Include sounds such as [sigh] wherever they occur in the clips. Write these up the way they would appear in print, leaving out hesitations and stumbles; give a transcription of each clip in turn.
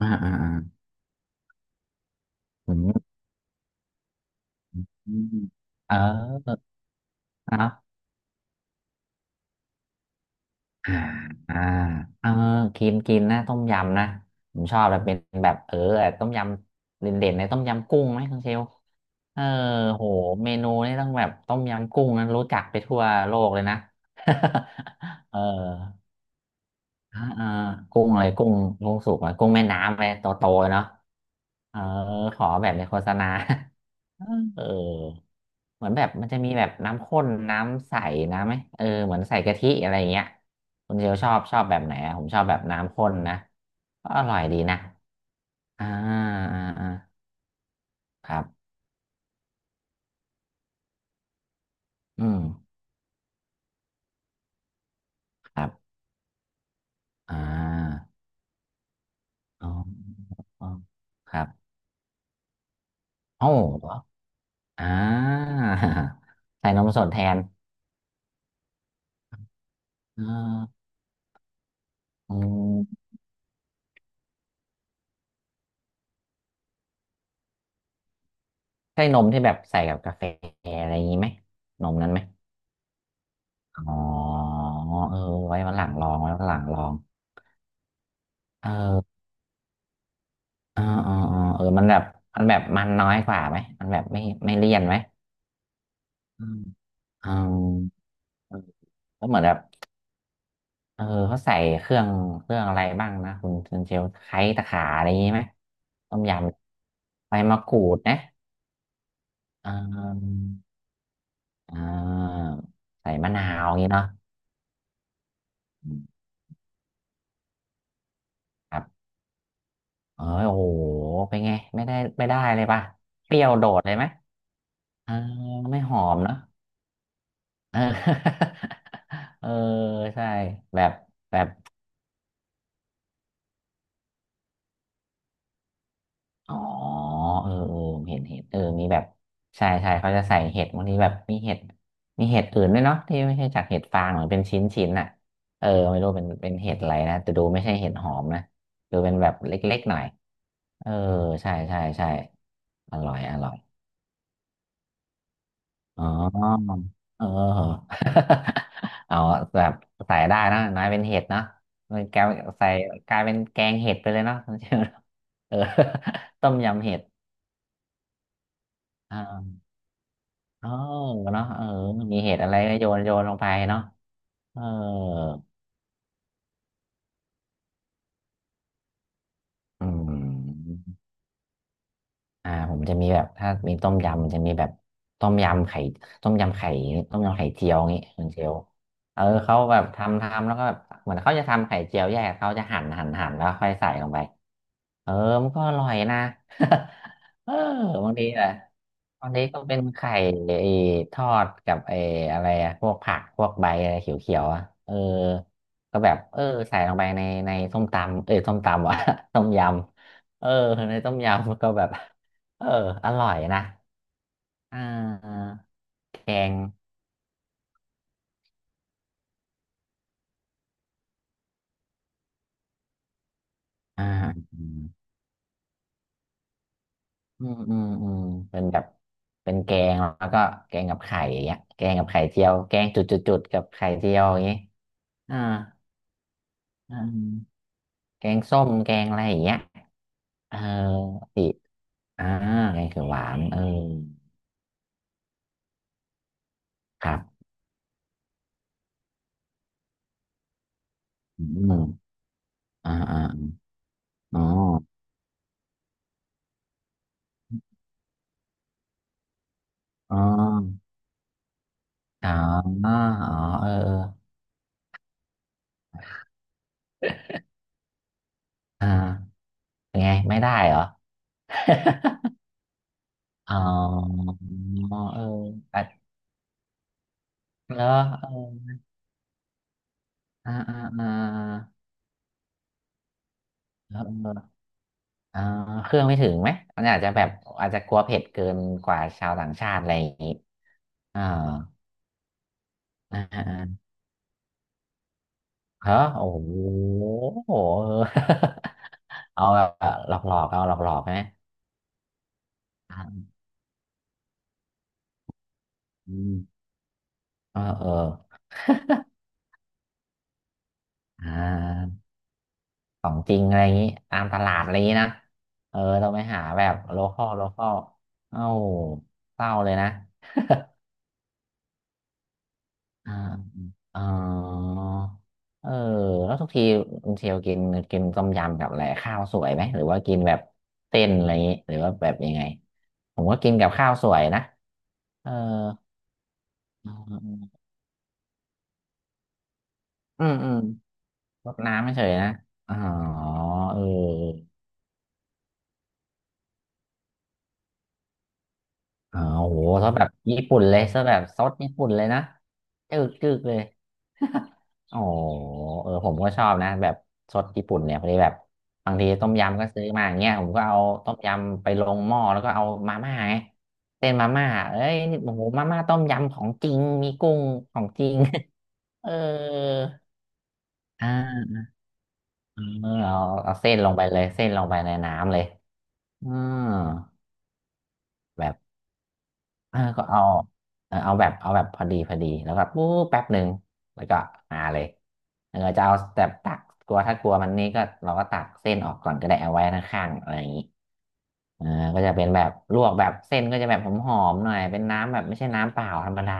อ่าอ่าอ่าผมว่าอืมเออเนาะอ่าอ่าเออกินกินนะต้มยำนะผมชอบแบบเป็นแบบเออแบบต้มยำเด่นๆในต้มยำกุ้งไหมคุณเชลเออโหเมนูนี่ต้องแบบต้มยำกุ้งนั้นรู้จักไปทั่วโลกเลยนะ [laughs] เอออ่าอ่ากุ้งอะไรกุ้งกุ้งสุกอะกุ้งแม่น้ำอะไรโตๆเนาะเออขอแบบในโฆษณา [laughs] เออ เหมือนแบบมันจะมีแบบน้ำข้นน้ำใสน้ำไหมเออเหมือนใส่กะทิอะไรอย่างเงี้ยคุณเชลชอบชอบแบบไหนอะผมชอบแบบน้ำข้นนะก็อร่อยดีนะอ่าอ่าอ่าครับอืมครับอ่าอ๋ออ๋อครับโอ้เหรออ่า [laughs] ใส่นมสดแทนอ่าอืมใช่นมที่แบบใส่กับกาแฟอะไรอย่างงี้ไหมนมนั้นไหมอ๋อเออไว้วันหลังลองไว้วันหลังลองเออ อ๋ออ๋ออ๋อเออมันแบบมันแบบมันน้อยกว่าไหมมันแบบไม่ไม่เลี่ยนไหมอืมอ๋อเออแล้วเหมือนแบบเออเขาใส่เครื่องเครื่องอะไรบ้างนะคุณเชลไคร้ตะขาอะไรอย่างนี้ไหมต้มยำใบมะกรูดนะเอ่าอ่าใส่มะนาวอย่างนี้เนาะอืมครับเออโอ้โหเป็นไงไม่ได้เลยป่ะเปรี้ยวโดดเลยไหมเออไม่หอมเนาะ เออ [laughs] เออใช่แบบแบบอ๋อเออเออเห็นเห็นเออมีแบบใช่ใช่เขาจะใส่เห็ดบางทีแบบมีเห็ดมีเห็ดอื่นด้วยเนาะที่ไม่ใช่จากเห็ดฟางเหมือนเป็นชิ้นชิ้นอ่ะเออไม่รู้เป็นเป็นเห็ดอะไรนะแต่ดูไม่ใช่เห็ดหอมนะดูเป็นแบบเล็กๆหน่อยเออใช่ใช่ใช่อร่อยอร่อย อ๋อเออ [laughs] เอาแบบใส่ได้นะนายเป็นเห็ดนะมันแกใส่กลายเป็นแกงเห็ดไปเลยเนาะ [laughs] เออ [laughs] ต้มยำเห็ดอ่าเออเนาะเออมีเห็ดอะไรก็โยนโยนลงไปเนาะเอออืม อ่าผมจะมีแบบถ้ามีต้มยำมันจะมีแบบต้มยำไข่ต้มยำไข่ต้มยำไข่เจียวงี้คุนเจียวเออเขาแบบทำทำแล้วก็แบบเหมือนเขาจะทำไข่เจียวแยกเขาจะหั่นหั่นหั่นแล้วค่อยใส่ลงไปเออมันก็อร่อยนะ [laughs] เออบางทีอะบางทีก็เป็นไข่ไอ้ทอดกับไอ้อะไรอะพวกผักพวกใบอะไรเขียวๆอะเออก็แบบเออใส่ลงไปในในส้มตำเอ้ยส้มตำวะ [laughs] ต้มยำเออในต้มยำก็แบบ เอออร่อยนะอ่าแกงอ่าอืมอืมอืมเป็นแบบเป็นแกงแล้วก็แกงกับไข่อย่างเงี้ยแกงกับไข่เจียวแกงจุดจุดจุดกับไข่เจียวอย่างงี้อ่าอาแกงส้มแกงอะไรอย่างเงี้ยเอออีกอ่าแกงเขียวหวานเออครับอืมอ่าอ่าอ๋ออ๋ออ๋ออ๋อเออเอออ่าเป็นไงไม่ได้เหรอ [laughs] อ๋อเออแต่แล้วเอออ่าอ่าอ่าแล้วเอออ่าเครื่องไม่ถึงไหมมันอาจจะแบบอาจจะกลัวเผ็ดเกินกว่าชาวต่างชาติอะไรอย่างนี้อ่าอ่าอ่าฮอโอ้โห [laughs] เออ [laughs] เอาแบบหลอกๆเอาหลอกๆไหมอ่าอืมเออเออ [laughs] อ่าของจริงอะไรอย่างนี้ตามตลาดอะไรอย่างนี้นะเออเราไปหาแบบโลคอลโลคอลเอ้าเศร้าเลยนะอ่า อ๋อเออแล้วทุกทีคุณเชลกินกินต้มยำกับอะไรข้าวสวยไหมหรือว่ากินแบบเต้นอะไรอย่างงี้หรือว่าแบบยังไงผมก็กินกับข้าวสวยนะเอออืมอืมรดน้ำไม่เฉยนะอ๋อเอออ๋อโหซดแบบญี่ปุ่นเลยซดแบบซดญี่ปุ่นเลยนะจึกจึกเลย อ๋อเออผมก็ชอบนะแบบซดญี่ปุ่นเนี่ยพอดีแบบบางทีต้มยำก็ซื้อมาอย่างเงี้ยผมก็เอาต้มยำไปลงหม้อแล้วก็เอามาม่าไงเส้นมาม่าเอ้ยนี่โอ้โหมาม่าต้มยำของจริงมีกุ้งของจริง [laughs] เอออ่าเออเอาเอาเส้นลงไปเลยเส้นลงไปในน้ำเลยอืมแบบ เออก็เอาเออเอาแบบเอาแบบพอดีพอดีแล้วก็ปุ๊บแป๊บหนึ่งแล้วก็มาเลยเออจะเอาแต่ตักกลัวถ้ากลัวมันนี่ก็เราก็ตักเส้นออกก่อนก็ได้เอาไว้ข้างๆอะไรอย่างนี้เออก็จะเป็นแบบลวกแบบเส้นก็จะแบบหอมๆหน่อยเป็นน้ำแบบไม่ใช่น้ำเปล่าธรรมดา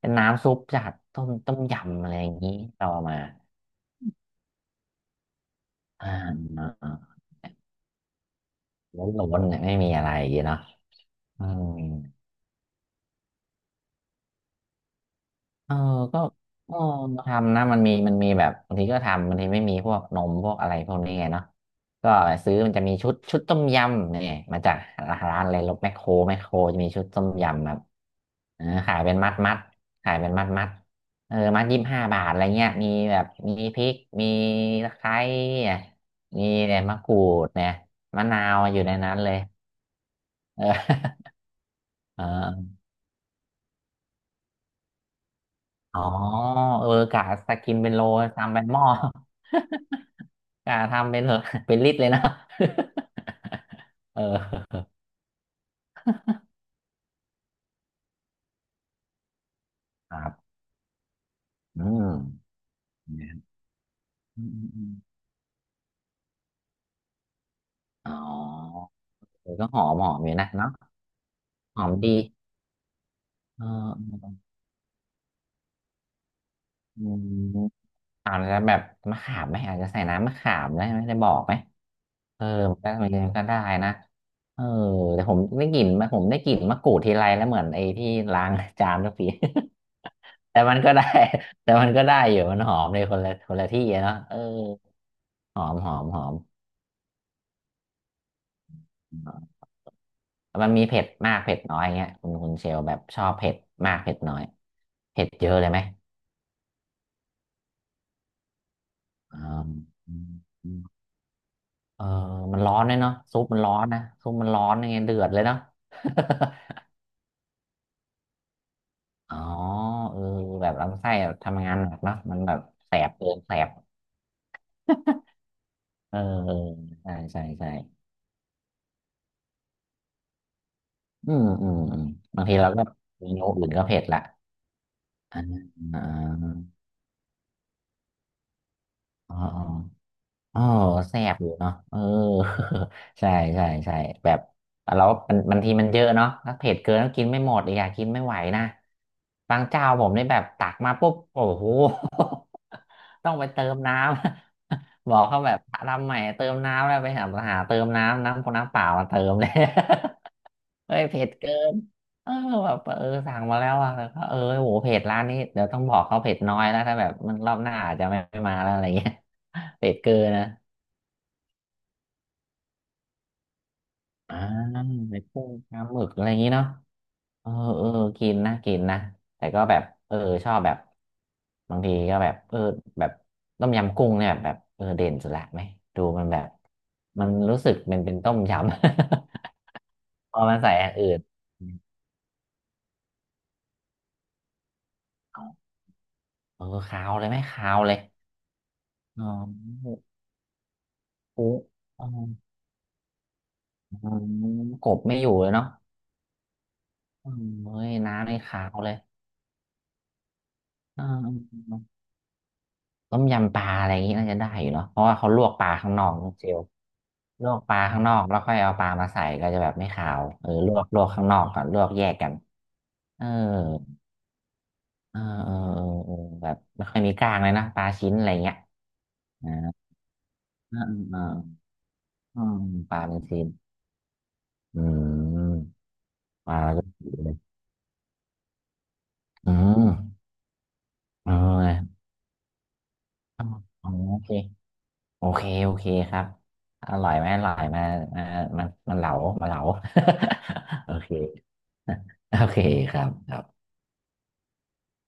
เป็นน้ำซุปจากต้มต้มยำอะไรอย่างนี้เราเอามาอ่าล้นๆเนี่ยไม่มีอะไรอย่างงี้เนาะอืม เออก็เออทำนะมันมีมันมีแบบบางทีก็ทำบางทีไม่มีพวกนมพวกอะไรพวกนี้ไงเนาะก็ซื้อมันจะมีชุดต้มยำเนี่ยมาจากร้านอะไรลบแมคโครแมคโครจะมีชุดต้มยำแบบเออขายเป็นมัดมัดขายเป็นมัดมัดเออมัด25 บาทอะไรเงี้ยมีแบบมีพริกมีตะไคร้เนี่ยมีเนี่ยมะกรูดเนี่ยมะนาวอยู่ในนั้นเลยเออ [laughs] เอออ๋อเออกะสกินเป็นโลตามเป็นหม้อ กล้าทำเป็นเหอะ [laughs] เป็นลิตรเลยนะ [laughs] เออครับอืมเนี่ยอืมอืมอืมอ๋อเออก็หอมหอมอยู่นะเนาะหอมดีเอออืมอาจจะแบบมะขามไหมอาจจะใส่น้ำมะขามได้ไหมได้บอกไหมเออมันก็มันก็ได้นะเออแต่ผมได้กลิ่นมาผมได้กลิ่นมะกรูดทีไรแล้วเหมือนไอ้ที่ล้างจานทุกที [laughs] แต่มันก็ได้ [laughs] แต่มันก็ได้อยู่มันหอมเลยคนละคนละที่อะเนาะเออหอมหอมหอม มันมีเผ็ดมากเผ็ดน้อยเงี้ยคุณเชลแบบชอบเผ็ดมากเผ็ดน้อยเผ็ดเยอะเลยไหมอ่าอืมอืมเออมันร้อนเลยเนาะซุปมันร้อนนะซุปมันร้อนยังไงเดือดเลยเนาะ [laughs] อ๋อเออแบบลำไส้ทำงานหนักเนาะมันแบบแสบเกินแสบเออเออใช่ใช่ใช่อืมอืมอืมบางทีเราก็เมนูอื่นก็เผ็ดละอ่าอ่าอ๋ออ๋อ เออแสบอยู่เนาะเออ [laughs] ใช่ใช่ใช่แบบเรามันบางทีมันเยอะเนาะถ้าเผ็ดเกินก็กินไม่หมดอยากกินไม่ไหวนะบางเจ้าผมนี่แบบตักมาปุ๊บโอ้โห [laughs] ต้องไปเติมน้ำ [laughs] บอกเขาแบบทำใหม่เติมน้ำแล้วไปหาหาเติมน้ำน้ำน้ำเปล่ามาเติมเลย [laughs] เฮ้ยเผ็ดเกินเออแบบเออสั่งมาแล้วอะแล้วก็เออโหเผ็ดร้านนี้เดี๋ยวต้องบอกเขาเผ็ดน้อยแล้วถ้าแบบมันรอบหน้าอาจจะไม่มาแล้วอะไรเงี้ย [laughs] เผ็ดเกินนะ อ่าไปกุ้งปลาหมึกอะไรอย่างนี้เนาะเออเออกินนะกินนะแต่ก็แบบเออชอบแบบบางทีก็แบบเออแบบต้มยำกุ้งเนี่ยแบบเออเด่นสุดละไหมดูมันแบบมันรู้สึกมันเป็นต้มยำ [laughs] พอมันใส่อันอื่นเออคาวเลยไหมคาวเลยอ๋อกุ้งออ๋อกบไม่อยู่เลยเนาะเออเฮ้ยน้ำนี่คาวเลยอ่า ต้มยำปลาอะไรอย่างนี้น่าจะได้อยู่เนาะเพราะว่าเขาลวกปลาข้างนอกน้องเจลลวกปลาข้างนอกแล้วค่อยเอาปลามาใส่ก็จะแบบไม่ขาวเออลวกลวกข้างนอกก่อนลวกแยกกันเออเออเออเออเออแบบไม่ค่อยมีกล้างเลยนะปลาชิ้นอะไรเงี้ยอ่าอ่าอ่าอืมปลาเป็นชิ้นอืมปลาก็ชิ้นเลยอืมเอออ๋อโอเคโอเคโอเคครับอร่อยไหมอร่อยมามามามาเหลามาเหลา [laughs] โอเค โอเคครับครับ